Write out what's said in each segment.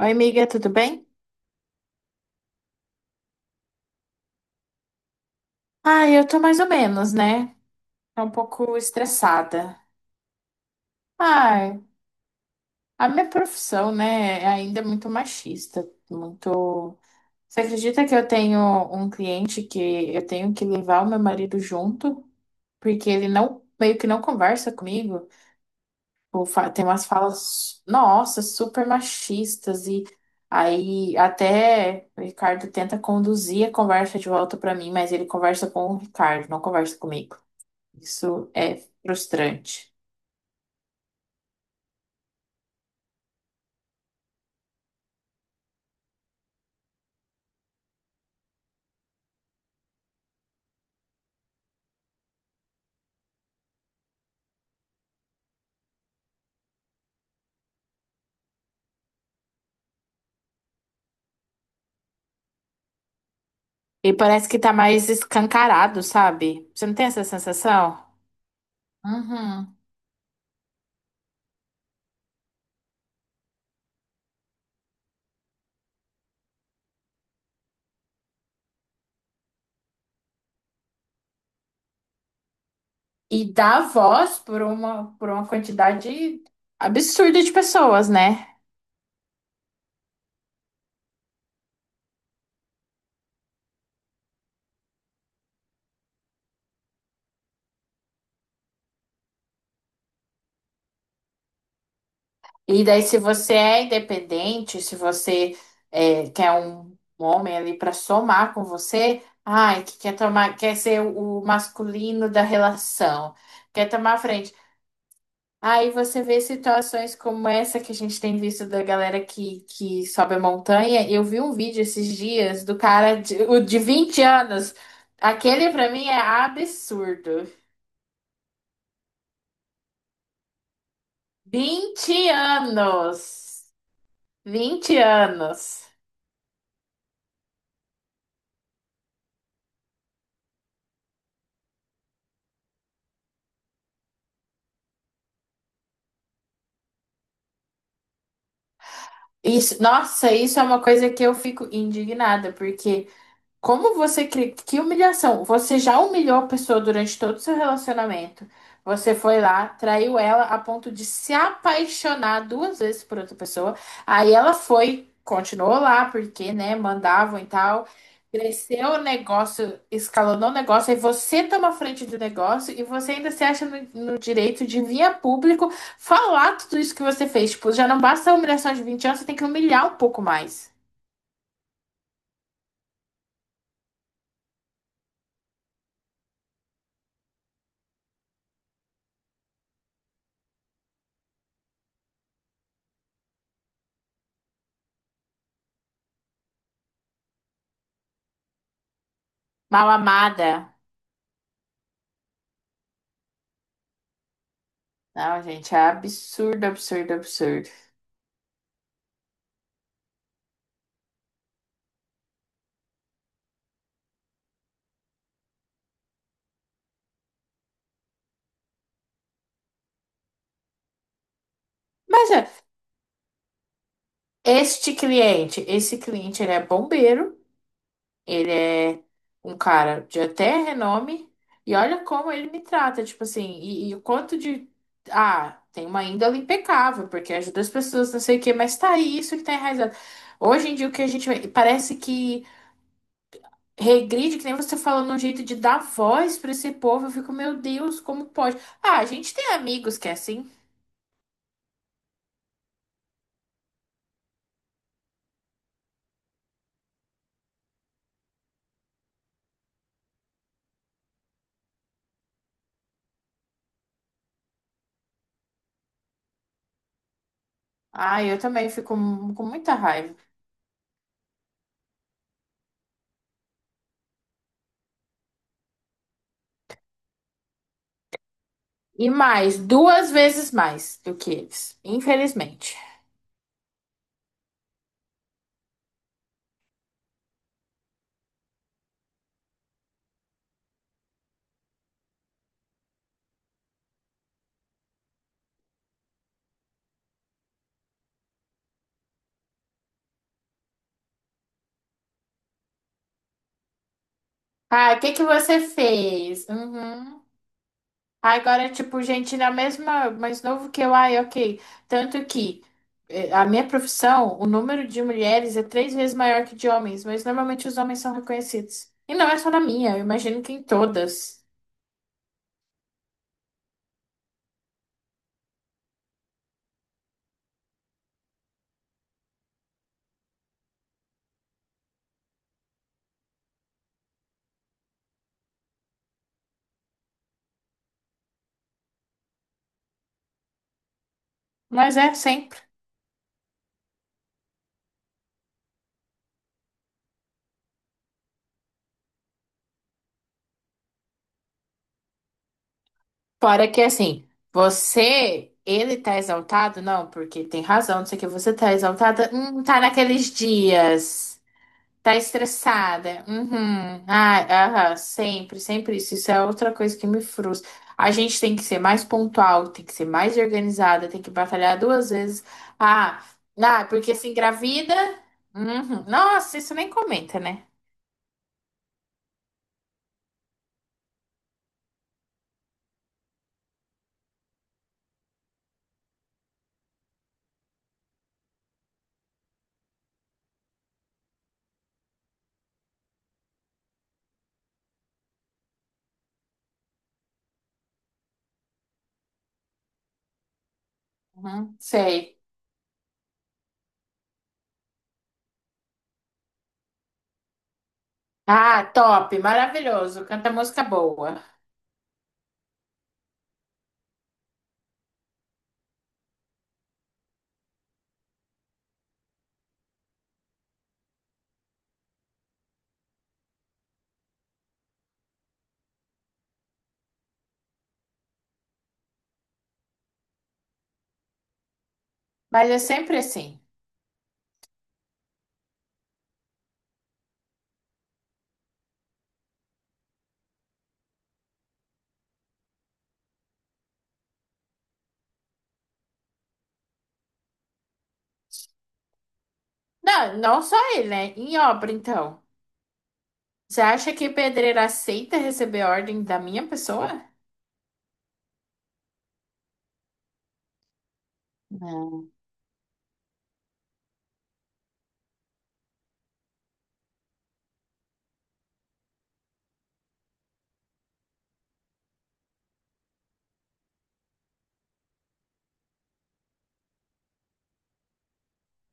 Oi, amiga, tudo bem? Ah, eu tô mais ou menos, né? Tô um pouco estressada. Ai, a minha profissão, né, é ainda muito machista, muito... Você acredita que eu tenho um cliente que eu tenho que levar o meu marido junto, porque ele não, meio que não conversa comigo, ou tem umas falas, nossa, super machistas, e aí até o Ricardo tenta conduzir a conversa de volta pra mim, mas ele conversa com o Ricardo, não conversa comigo. Isso é frustrante. E parece que tá mais escancarado, sabe? Você não tem essa sensação? Uhum. E dá voz por uma quantidade absurda de pessoas, né? E daí, se você é independente, se você é, quer um homem ali para somar com você, ai, que quer tomar, quer ser o masculino da relação, quer tomar a frente. Aí você vê situações como essa que a gente tem visto da galera que sobe a montanha. Eu vi um vídeo esses dias do cara de, o de 20 anos. Aquele pra mim é absurdo. 20 anos! 20 anos! Isso, nossa, isso é uma coisa que eu fico indignada, porque como você cria? Que humilhação! Você já humilhou a pessoa durante todo o seu relacionamento. Você foi lá, traiu ela a ponto de se apaixonar 2 vezes por outra pessoa. Aí ela foi, continuou lá, porque, né, mandavam e tal. Cresceu o negócio, escalonou o negócio, aí você toma a frente do negócio e você ainda se acha no, no direito de vir a público falar tudo isso que você fez. Tipo, já não basta a humilhação de 20 anos, você tem que humilhar um pouco mais. Mal amada. Não, gente, é absurdo, absurdo, absurdo. Mas é, este cliente, esse cliente, ele é bombeiro, ele é um cara de até renome, e olha como ele me trata, tipo assim, e o quanto de. Ah, tem uma índole impecável, porque ajuda as pessoas, não sei o quê, mas tá aí, isso que tá enraizado. Hoje em dia, o que a gente parece que regride, que nem você falando, um jeito de dar voz pra esse povo, eu fico, meu Deus, como pode? Ah, a gente tem amigos que é assim. Ah, eu também fico com muita raiva. E mais, 2 vezes mais do que eles, infelizmente. Ah, o que que você fez? Uhum. Ah, agora, tipo, gente na mesma, mais novo que eu, ai, ok. Tanto que a minha profissão, o número de mulheres é 3 vezes maior que de homens, mas normalmente os homens são reconhecidos. E não é só na minha, eu imagino que em todas. Mas é sempre. Fora que assim, você, ele tá exaltado? Não, porque tem razão, não sei o que, você tá exaltada? Tá naqueles dias. Tá estressada. Uhum. Ah, aham, sempre, sempre isso. Isso é outra coisa que me frustra. A gente tem que ser mais pontual, tem que ser mais organizada, tem que batalhar 2 vezes. Ah, ah, porque se engravida. Uhum. Nossa, isso nem comenta, né? Uhum, sei. Ah, top, maravilhoso, canta música boa. Mas é sempre assim. Não, não só ele, né? Em obra, então. Você acha que pedreiro aceita receber ordem da minha pessoa? Não.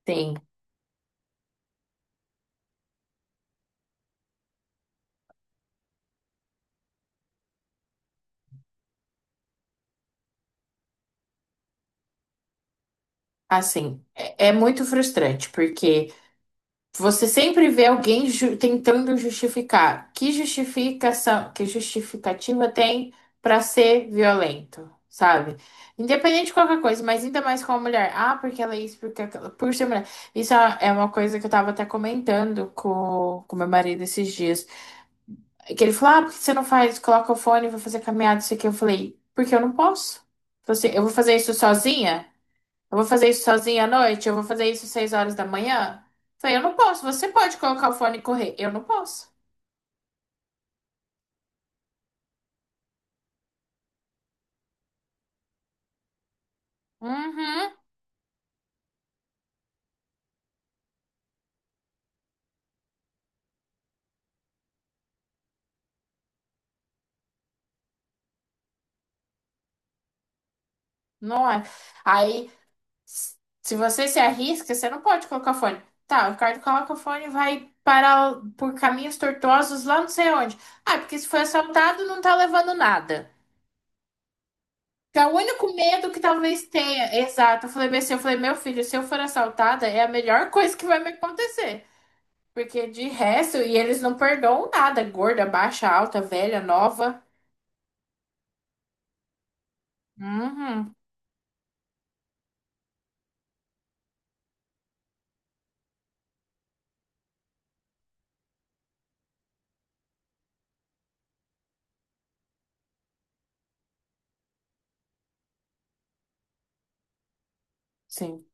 Tem. Assim, é, é muito frustrante, porque você sempre vê alguém tentando justificar. Que justificação, que justificativa tem para ser violento, sabe? Independente de qualquer coisa, mas ainda mais com a mulher. Ah, porque ela é isso, porque aquela, por ser mulher. Isso é é uma coisa que eu tava até comentando com meu marido esses dias. Que ele falou, ah, por que você não faz? Coloca o fone, e vai fazer caminhada, isso aqui. Eu falei, porque eu não posso. Falei assim, eu vou fazer isso sozinha? Eu vou fazer isso sozinha à noite? Eu vou fazer isso 6 horas da manhã? Falei, eu não posso. Você pode colocar o fone e correr. Eu não posso. Uhum, não é. Aí, se você se arrisca, você não pode colocar o fone. Tá, o Ricardo coloca o fone e vai parar por caminhos tortuosos lá não sei onde. Ah, porque se foi assaltado, não tá levando nada. Que é o único medo que talvez tenha. Exato. Eu falei bem assim, eu falei, meu filho, se eu for assaltada, é a melhor coisa que vai me acontecer. Porque de resto, e eles não perdoam nada. Gorda, baixa, alta, velha, nova. Uhum, sim.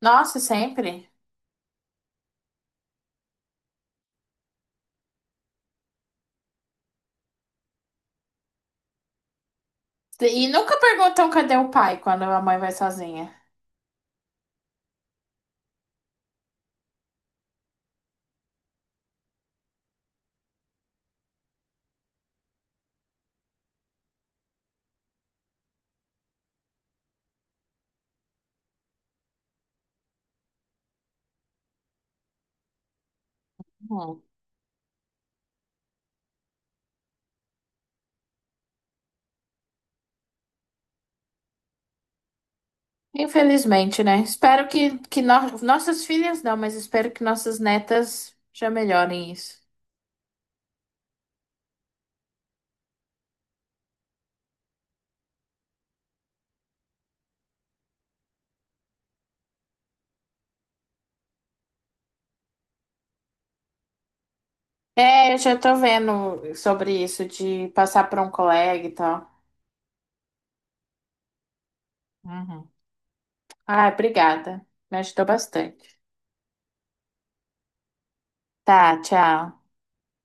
Nossa, sempre. E nunca perguntam cadê o pai quando a mãe vai sozinha. Hum. Infelizmente, né? Espero que, que nossas filhas não, mas espero que nossas netas já melhorem isso. É, eu já tô vendo sobre isso, de passar para um colega e tal. Uhum. Ah, obrigada. Me ajudou bastante. Tá, tchau.